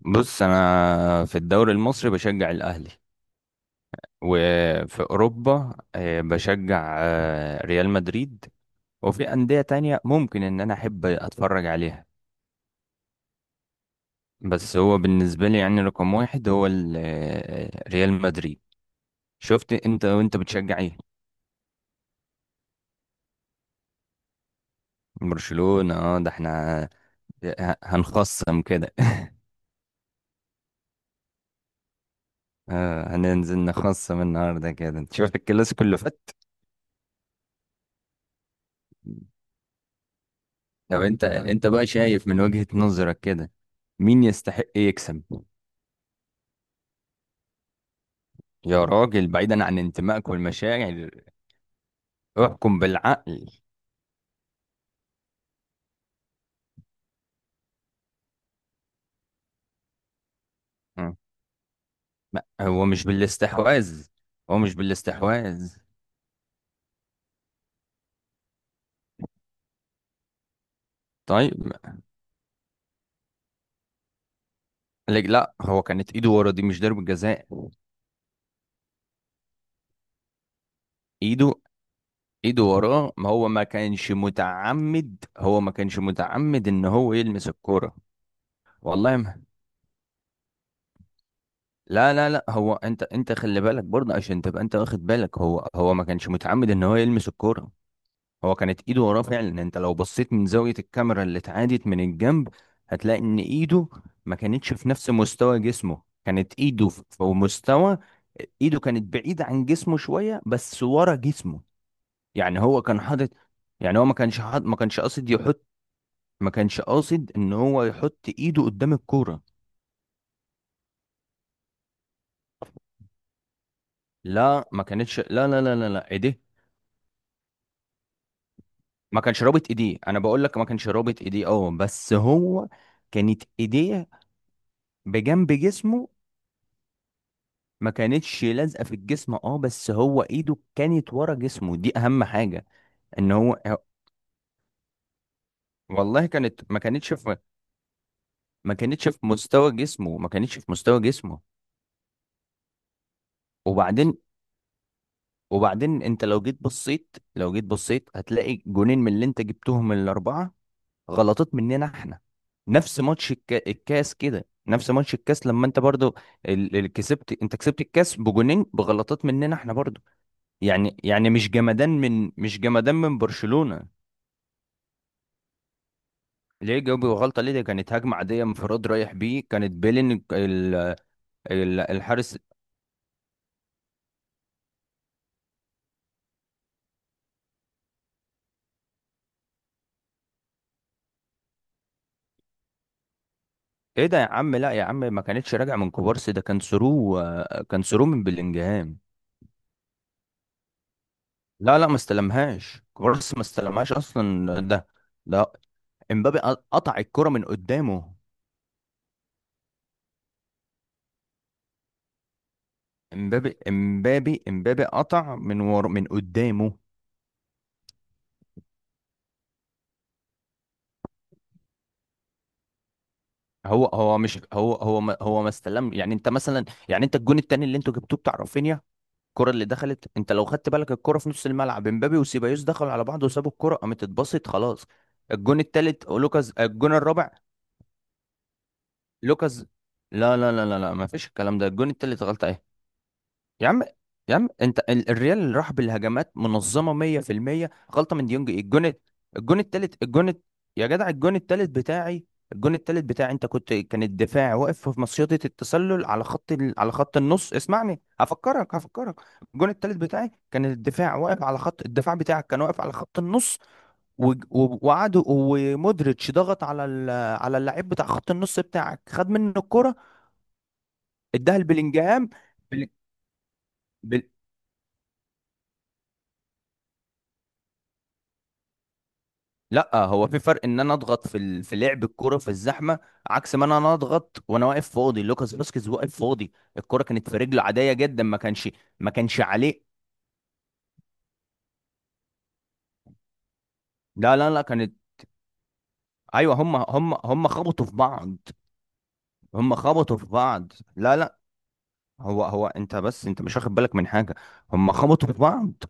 بص، انا في الدوري المصري بشجع الاهلي. وفي اوروبا بشجع ريال مدريد. وفي انديه تانية ممكن ان انا احب اتفرج عليها، بس هو بالنسبه لي يعني رقم واحد هو ريال مدريد. شفت؟ انت وانت بتشجع ايه؟ برشلونه؟ اه، ده احنا هنخصم كده هننزل نخصم النهارده كده. انت شفت الكلاسيكو اللي فات؟ طب انت بقى شايف من وجهة نظرك كده، مين يستحق يكسب؟ يا راجل، بعيدا عن انتمائك والمشاعر، احكم بالعقل. مم. ما هو مش بالاستحواذ، هو مش بالاستحواذ. طيب. لا لا، هو كانت ايده ورا، دي مش ضربة جزاء. ايده، ايده وراه، ما هو ما كانش متعمد، هو ما كانش متعمد ان هو يلمس الكرة. والله ما... لا لا لا، هو انت خلي بالك برضه، عشان تبقى انت واخد بالك، هو ما كانش متعمد ان هو يلمس الكرة. هو كانت ايده وراه فعلا. انت لو بصيت من زاوية الكاميرا اللي اتعادت من الجنب، هتلاقي ان ايده ما كانتش في نفس مستوى جسمه، كانت ايده في مستوى... ايده كانت بعيدة عن جسمه شوية، بس ورا جسمه. يعني هو كان حاطط، يعني هو ما كانش حاط، ما كانش قاصد يحط، ما كانش قاصد ان هو يحط ايده قدام الكورة. لا ما كانتش، لا لا لا لا لا، ايديه ما كانش رابط ايديه. انا بقول لك ما كانش رابط ايديه، اه، بس هو كانت ايديه بجنب جسمه، ما كانتش لازقه في الجسم. اه، بس هو ايده كانت ورا جسمه، دي اهم حاجه، ان هو... والله كانت... ما كانتش في مستوى جسمه، ما كانتش في مستوى جسمه. وبعدين، وبعدين انت لو جيت بصيت، هتلاقي جونين من اللي انت جبتهم الاربعه غلطات مننا احنا. نفس ماتش الكاس كده، نفس ماتش الكاس لما انت برضو ال... ال... كسبت انت كسبت الكاس بجونين بغلطات مننا احنا برضو. يعني مش جمدان من، مش جمدان من برشلونة. ليه جاوب غلطة ليه؟ دي كانت هجمة عادية، انفراد رايح بيه، كانت بيلين الحارس. ايه ده يا عم؟ لا يا عم، ما كانتش راجع من كوبارسي، ده كان ثرو، كان ثرو من بلينجهام. لا لا، ما استلمهاش كوبارسي، ما استلمهاش اصلا، ده، ده امبابي قطع الكرة من قدامه. امبابي قطع من قدامه. هو هو مش هو هو ما هو ما استلم. يعني انت مثلا، يعني انت الجون التاني اللي انتوا جبتوه بتاع رافينيا، الكرة اللي دخلت، انت لو خدت بالك الكرة في نص الملعب امبابي وسيبايوس دخلوا على بعض وسابوا الكرة، قامت اتبسط خلاص. الجون التالت لوكاس، الجون الرابع لوكاس. لا لا لا لا لا، ما فيش الكلام ده، الجون التالت غلطة اهي. يا عم، يا عم انت الريال اللي راح بالهجمات منظمه 100%، غلطه من ديونج. ايه الجون الجون التالت، الجون يا جدع، الجون التالت بتاعي، الجون التالت بتاعي انت كنت، كان الدفاع واقف في مصيدة التسلل على خط على خط النص. اسمعني هفكرك، هفكرك. الجون التالت بتاعي كان الدفاع واقف على خط الدفاع، بتاعك كان واقف على خط النص، وقعدوا، ومودريتش ضغط على على اللعيب بتاع خط النص بتاعك، خد منه الكرة، اداها لبلينجهام. لا، هو في فرق ان انا اضغط في في لعب الكرة في الزحمه، عكس ما انا اضغط وانا واقف فاضي. لوكاس فاسكيز واقف فاضي، الكرة كانت في رجله عاديه جدا، ما كانش، ما كانش عليه. لا لا لا، كانت، ايوه هم، هم خبطوا في بعض، هم خبطوا في بعض. لا لا، هو انت، بس انت مش واخد بالك من حاجه، هم خبطوا في بعض.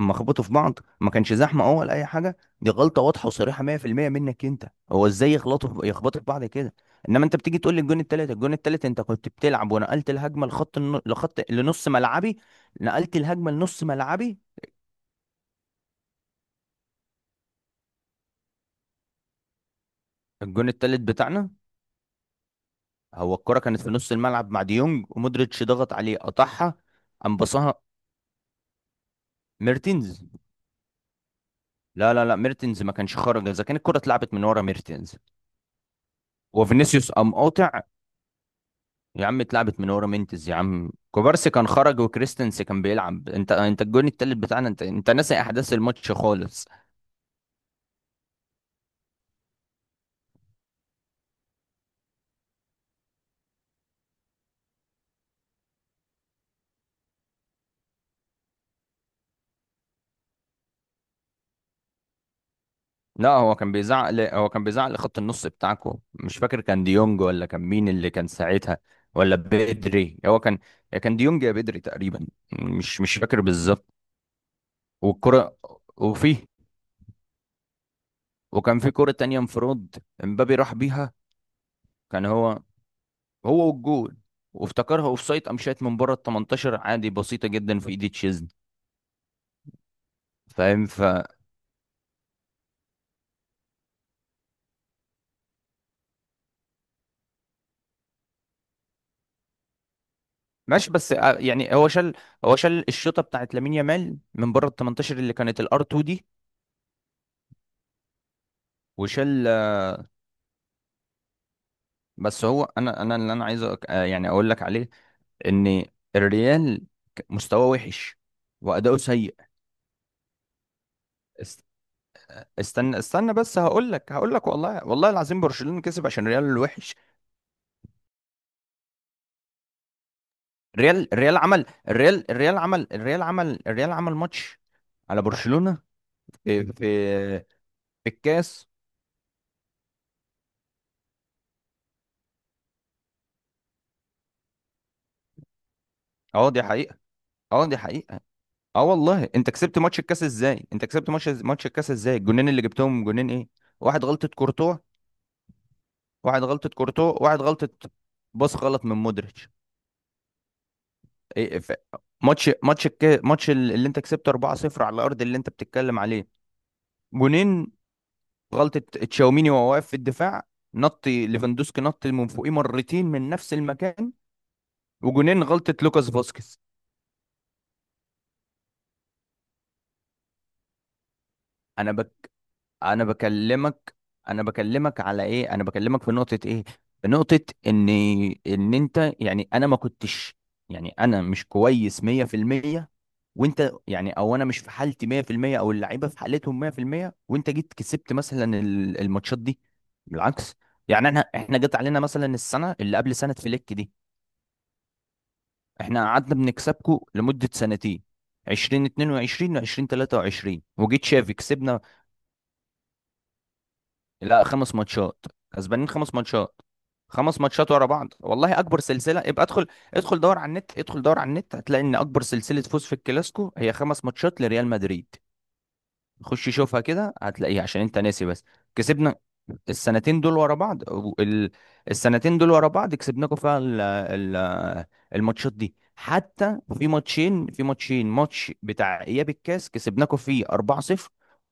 اما خبطوا في بعض ما كانش زحمه، اه ولا اي حاجه، دي غلطه واضحه وصريحه 100% منك انت. هو ازاي يخبطوا في بعض كده؟ انما انت بتيجي تقول لي الجون التالت، الجون التالت، انت كنت بتلعب ونقلت الهجمه لخط لنص ملعبي، نقلت الهجمه لنص ملعبي. الجون التالت بتاعنا، هو الكره كانت في نص الملعب مع ديونج، ومودريتش ضغط عليه قطعها، قام باصها. ميرتينز؟ لا لا لا، ميرتينز ما كانش خرج، اذا كان الكره اتلعبت من ورا ميرتينز وفينيسيوس قام قاطع. يا عم اتلعبت من ورا مينتز، يا عم كوبارسي كان خرج، وكريستنس كان بيلعب. انت الجون التالت بتاعنا، انت ناسي احداث الماتش خالص. لا، هو كان بيزعق لخط النص بتاعكو، مش فاكر كان ديونج ولا كان مين اللي كان ساعتها، ولا بدري. هو كان، يا كان ديونج يا بدري تقريبا، مش فاكر بالظبط. والكرة، وفيه، وكان في كرة تانية، انفراد، امبابي راح بيها، كان هو، هو والجول، وافتكرها اوفسايد، قام شايط من بره ال 18، عادي، بسيطة جدا في ايد تشيزني. فاهم؟ فماشي. بس يعني هو شال، هو شال الشوطه بتاعت لامين يامال من بره ال 18 اللي كانت الار 2 دي، وشال بس هو، انا اللي انا عايز يعني اقول لك عليه ان الريال مستواه وحش واداؤه سيء. است- استنى، بس هقول لك، هقول لك. والله، والله العظيم برشلونه كسب عشان الريال وحش. الريال عمل ماتش على برشلونه في في في الكاس. اه، دي حقيقه. اه، دي حقيقه. اه والله، انت كسبت ماتش الكاس ازاي؟ انت كسبت ماتش، ماتش الكاس ازاي؟ الجونين اللي جبتهم، جونين ايه؟ واحد غلطة كورتوا، واحد غلطة كورتوا، واحد غلطة، باص غلط من مودريتش. ايه، ماتش ماتش الك... ماتش ال- اللي انت كسبت 4-0 على الارض اللي انت بتتكلم عليه، جونين غلطة تشاوميني وهو واقف في الدفاع، نط ليفاندوسكي نط من فوقيه مرتين من نفس المكان. وجونين غلطة لوكاس فاسكيز. انا، انا بكلمك انا بكلمك على ايه؟ انا بكلمك في نقطة ايه؟ في نقطة ان، ان انت، يعني انا ما كنتش، يعني انا مش كويس 100%، وانت، يعني او انا مش في حالتي 100%، او اللعيبة في حالتهم 100%، وانت جيت كسبت مثلا الماتشات دي. بالعكس، يعني احنا، احنا جت علينا مثلا السنة اللي قبل سنة فليك دي، احنا قعدنا بنكسبكم لمدة سنتين، 2022 و20 23، وجيت شافي كسبنا. لا، خمس ماتشات، كسبانين خمس ماتشات، خمس ماتشات ورا بعض والله، اكبر سلسله. ابقى ادخل، ادخل دور على النت، ادخل دور على النت هتلاقي ان اكبر سلسله فوز في الكلاسيكو هي خمس ماتشات لريال مدريد. خش شوفها كده هتلاقيها، عشان انت ناسي بس. كسبنا السنتين دول ورا بعض السنتين دول ورا بعض كسبناكم فيها الماتشات دي، حتى في ماتشين، في ماتشين ماتش بتاع اياب الكاس كسبناكوا فيه 4-0،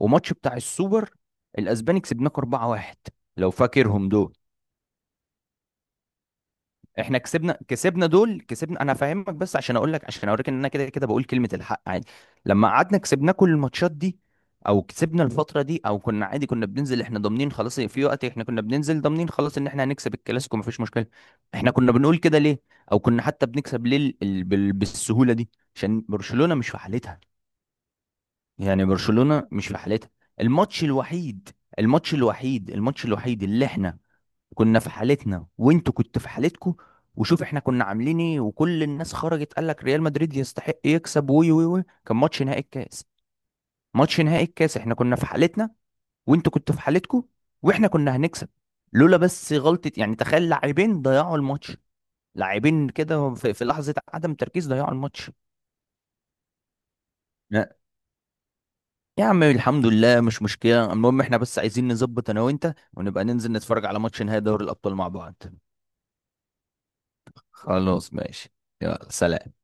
وماتش بتاع السوبر الاسباني كسبناكوا 4-1، لو فاكرهم دول. احنا كسبنا، كسبنا دول كسبنا. انا هفهمك بس عشان اقول لك، عشان اوريك ان انا كده كده بقول كلمة الحق عادي. لما قعدنا كسبنا كل الماتشات دي، او كسبنا الفترة دي، او كنا عادي كنا بننزل احنا ضامنين خلاص، في وقت احنا كنا بننزل ضامنين خلاص ان احنا هنكسب الكلاسيكو مفيش مشكلة. احنا كنا بنقول كده ليه؟ او كنا حتى بنكسب ليه بالسهولة دي؟ عشان برشلونة مش في حالتها، يعني برشلونة مش في حالتها. الماتش الوحيد الماتش الوحيد اللي احنا كنا في حالتنا وانتوا كنتوا في حالتكوا، وشوف احنا كنا عاملين ايه، وكل الناس خرجت قال لك ريال مدريد يستحق يكسب، وي وي وي، كان ماتش نهائي الكاس. ماتش نهائي الكاس احنا كنا في حالتنا وانتوا كنتوا في حالتكوا، واحنا كنا هنكسب لولا بس غلطة. يعني تخيل، لاعبين ضيعوا الماتش، لاعبين كده في لحظة عدم تركيز ضيعوا الماتش. لا. يا عم الحمد لله مش مشكلة، المهم احنا بس عايزين نظبط انا وانت، ونبقى ننزل نتفرج على ماتش نهائي دوري الأبطال مع بعض. خلاص ماشي. يلا سلام.